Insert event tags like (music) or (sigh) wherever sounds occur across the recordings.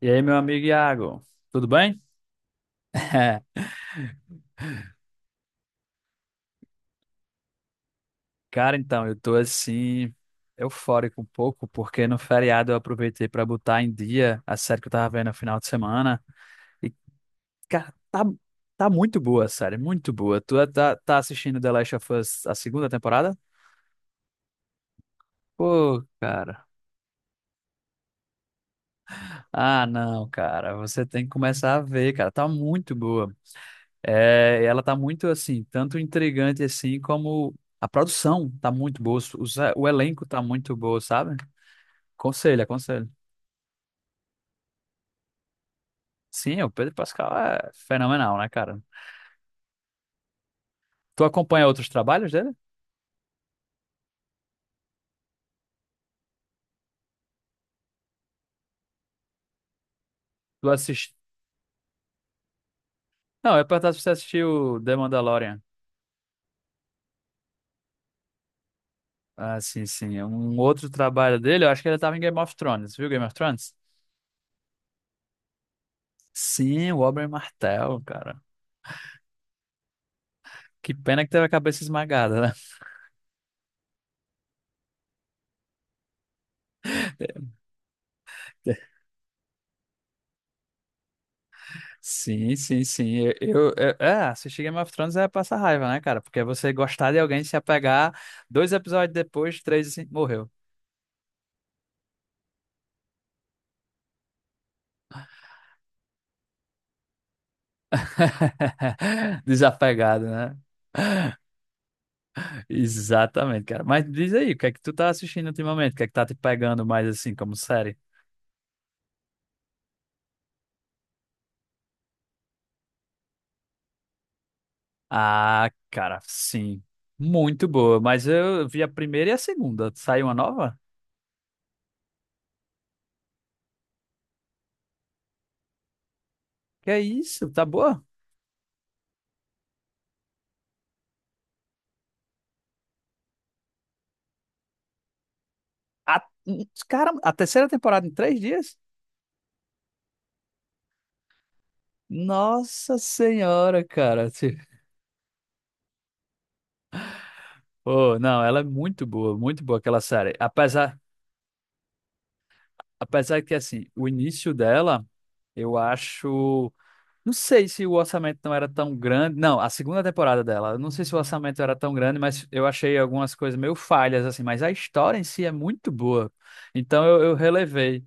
E aí, meu amigo Iago, tudo bem? (laughs) Cara, então, eu tô assim, eufórico um pouco, porque no feriado eu aproveitei pra botar em dia a série que eu tava vendo no final de semana. E, cara, tá muito boa a série, muito boa. Tá assistindo The Last of Us a segunda temporada? Pô, cara. Ah, não, cara, você tem que começar a ver, cara, tá muito boa. É, ela tá muito assim, tanto intrigante assim, como a produção tá muito boa, o elenco tá muito bom, sabe? Aconselho, aconselho. Sim, o Pedro Pascal é fenomenal, né, cara? Tu acompanha outros trabalhos dele? Tu assiste? Não, eu ia perguntar se você assistiu The Mandalorian. Ah, sim, sim. Um outro trabalho dele, eu acho que ele tava em Game of Thrones, viu Game of Thrones? Sim, o Oberyn Martell, cara. Que pena que teve a cabeça esmagada, né? (laughs) Sim, sim, sim. Assistir Game of Thrones é passar raiva, né, cara? Porque você gostar de alguém se apegar, dois episódios depois, três, assim, morreu. (laughs) Desapegado, né? Exatamente, cara. Mas diz aí, o que é que tu tá assistindo ultimamente? O que é que tá te pegando mais assim, como série? Ah, cara, sim. Muito boa. Mas eu vi a primeira e a segunda. Saiu uma nova? Que é isso? Tá boa? A... Cara, a terceira temporada em três dias? Nossa Senhora, cara. Se- Pô, não, ela é muito boa aquela série. Apesar, apesar que, assim, o início dela, eu acho. Não sei se o orçamento não era tão grande. Não, a segunda temporada dela. Eu não sei se o orçamento era tão grande, mas eu achei algumas coisas meio falhas, assim. Mas a história em si é muito boa. Então eu relevei.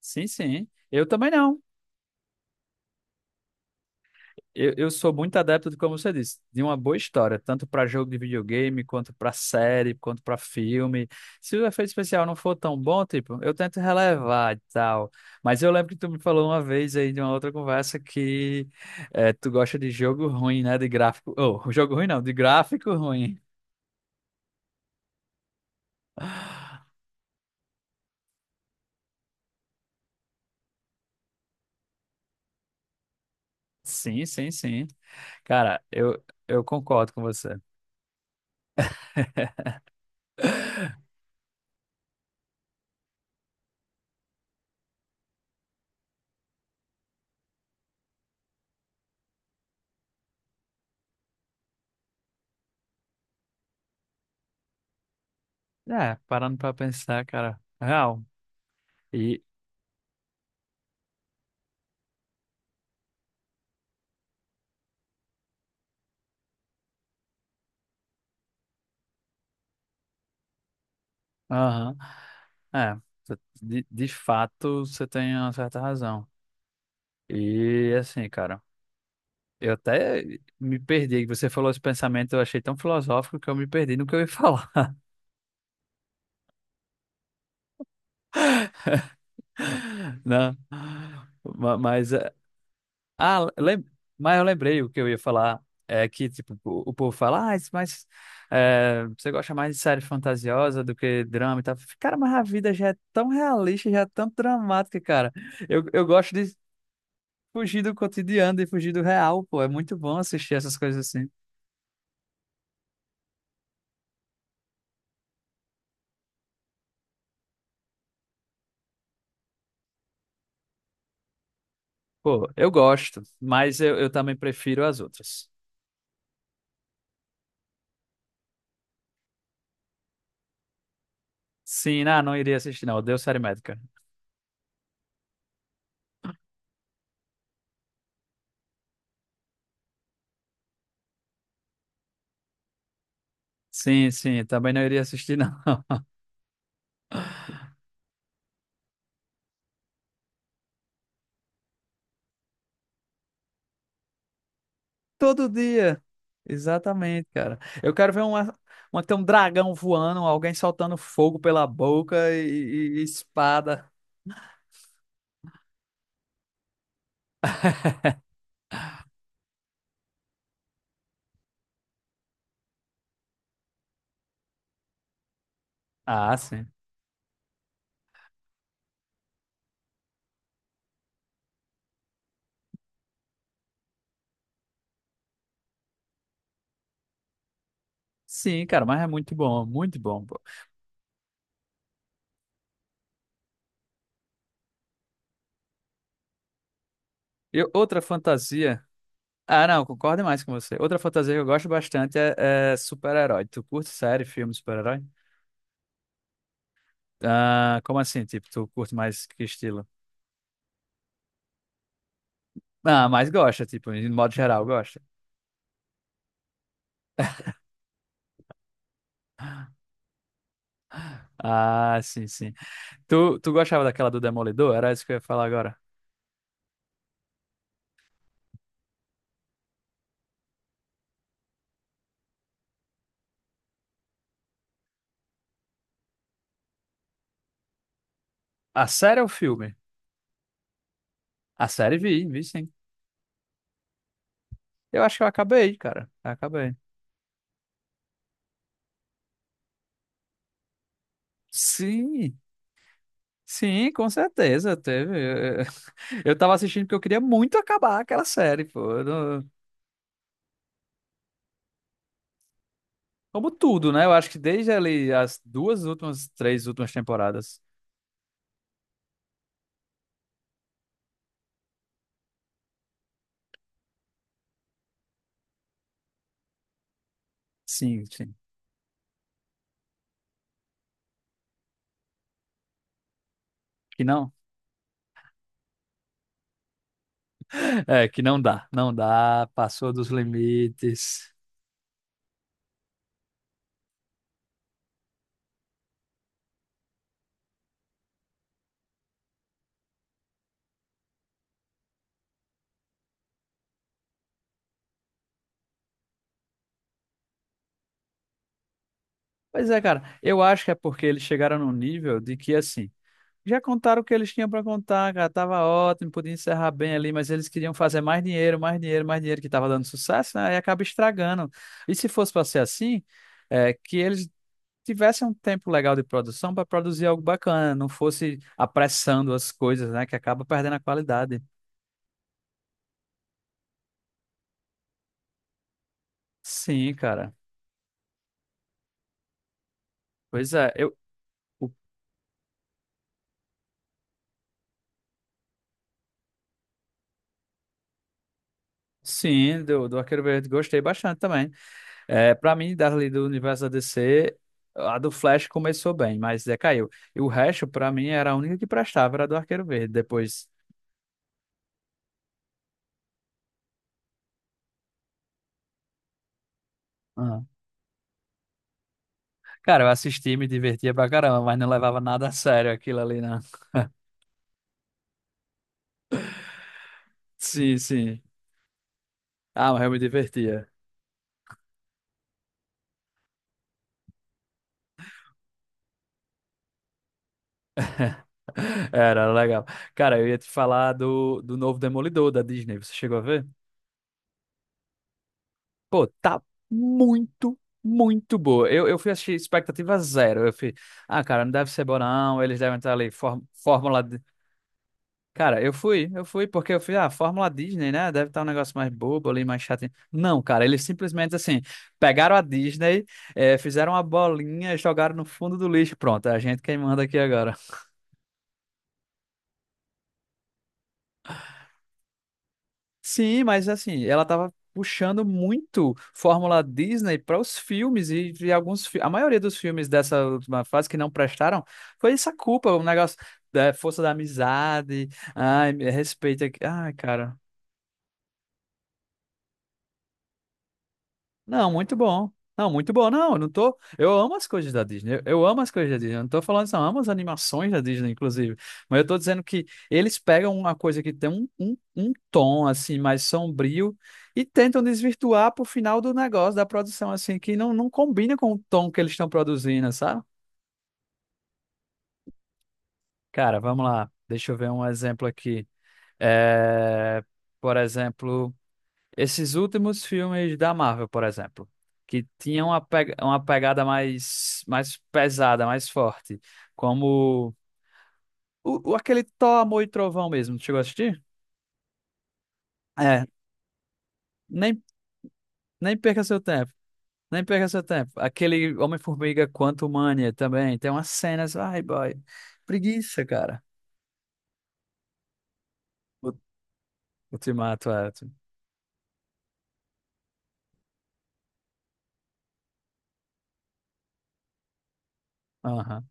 Sim, sim. Eu também não. Eu sou muito adepto de, como você disse, de uma boa história, tanto para jogo de videogame, quanto para série, quanto para filme. Se o efeito especial não for tão bom, tipo, eu tento relevar e tal. Mas eu lembro que tu me falou uma vez aí de uma outra conversa que tu gosta de jogo ruim, né? De gráfico. Oh, jogo ruim não, de gráfico ruim. Sim, sim, sim. Cara, eu concordo com você. É, parando pra pensar, cara. Real. E. Aham. É, de fato você tem uma certa razão. E assim, cara, eu até me perdi. Você falou esse pensamento, eu achei tão filosófico que eu me perdi no que eu ia falar. (laughs) Não. Mas, ah, lem- mas eu lembrei o que eu ia falar. É que, tipo, o povo fala, ah, mas você gosta mais de série fantasiosa do que drama e tal. Cara, mas a vida já é tão realista, já é tão dramática, cara. Eu gosto de fugir do cotidiano e fugir do real, pô. É muito bom assistir essas coisas assim. Pô, eu gosto, mas eu também prefiro as outras. Sim, não, não iria assistir, não. Odeio série médica. Sim, sim, também não iria assistir, não. (laughs) Todo dia. Exatamente, cara. Eu quero ver uma, ter um dragão voando, alguém soltando fogo pela boca e, e espada. Ah, sim. Sim, cara, mas é muito bom, pô. Eu, outra fantasia. Ah, não, concordo demais com você. Outra fantasia que eu gosto bastante é, é super-herói. Tu curte série, filme, super-herói? Ah, como assim? Tipo, tu curte mais que estilo? Ah, mas gosta, tipo, de modo geral, gosta. Ah, sim, sim. Tu gostava daquela do Demolidor? Era isso que eu ia falar agora. A série ou o filme? A série vi, vi sim. Eu acho que eu acabei, cara. Acabei. Sim. Sim, com certeza, teve. Eu (laughs) eu tava assistindo porque eu queria muito acabar aquela série, pô. Eu não- Como tudo, né? Eu acho que desde ali as duas últimas, três últimas temporadas. Sim, sim. Que não. (laughs) É, que não dá. Não dá, passou dos limites. Pois é, cara. Eu acho que é porque eles chegaram num nível de que, assim, já contaram o que eles tinham para contar, cara. Tava ótimo, podia encerrar bem ali, mas eles queriam fazer mais dinheiro, mais dinheiro, mais dinheiro, que tava dando sucesso, né? E acaba estragando. E se fosse para ser assim, é, que eles tivessem um tempo legal de produção para produzir algo bacana, não fosse apressando as coisas, né? Que acaba perdendo a qualidade. Sim, cara. Pois é, eu. O- Sim, do, do Arqueiro Verde gostei bastante também. É, para mim, das ali do universo da DC, a do Flash começou bem, mas decaiu. E o resto, pra mim, era a única que prestava, era a do Arqueiro Verde. Depois. Ah. Cara, eu assisti, me divertia pra caramba, mas não levava nada a sério aquilo ali, não. (laughs) Sim, sim. Ah, mas eu me divertia. (laughs) Era era legal. Cara, eu ia te falar do, do novo Demolidor da Disney. Você chegou a ver? Pô, tá muito, muito boa. Eu fui assistir expectativa zero. Eu fui, ah, cara, não deve ser bom, não. Eles devem estar ali, fórmula Cara, eu fui, porque eu fui, ah, Fórmula Disney, né? Deve estar um negócio mais bobo ali, mais chato. Não, cara, eles simplesmente assim, pegaram a Disney, fizeram uma bolinha, jogaram no fundo do lixo. Pronto, é a gente quem manda aqui agora. (laughs) Sim, mas assim, ela tava puxando muito Fórmula Disney para os filmes e alguns, a maioria dos filmes dessa última fase que não prestaram foi essa culpa, um negócio da força da amizade, ai, respeito aqui. Ai, cara. Não, muito bom. Não, muito bom. Não, eu não tô. Eu amo as coisas da Disney. Eu amo as coisas da Disney. Eu não tô falando isso, não. Eu amo as animações da Disney, inclusive. Mas eu tô dizendo que eles pegam uma coisa que tem um, um, um tom, assim, mais sombrio e tentam desvirtuar pro final do negócio, da produção, assim, que não, não combina com o tom que eles estão produzindo, sabe? Cara, vamos lá. Deixa eu ver um exemplo aqui. É, por exemplo. Esses últimos filmes da Marvel, por exemplo, que tinham uma, uma pegada mais, mais pesada, mais forte, como o, aquele Thor, Amor e Trovão mesmo, tu chegou a assistir? É, nem, nem perca seu tempo, nem perca seu tempo. Aquele Homem-Formiga Quantumania também, tem umas cenas, ai boy, preguiça, cara. O Ultimato, é. Tu- Aham.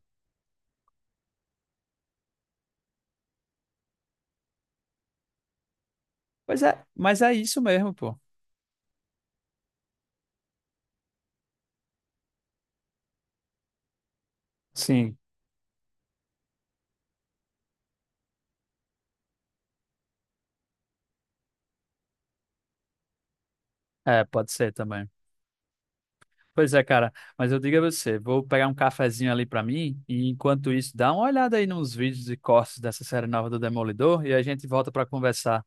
Pois é, mas é isso mesmo, pô. Sim, é, pode ser também. Pois é, cara, mas eu digo a você, vou pegar um cafezinho ali pra mim e enquanto isso, dá uma olhada aí nos vídeos e cortes dessa série nova do Demolidor e a gente volta pra conversar.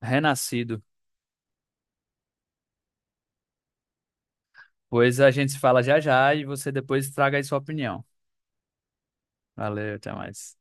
Renascido. Pois a gente se fala já já e você depois traga aí sua opinião. Valeu, até mais.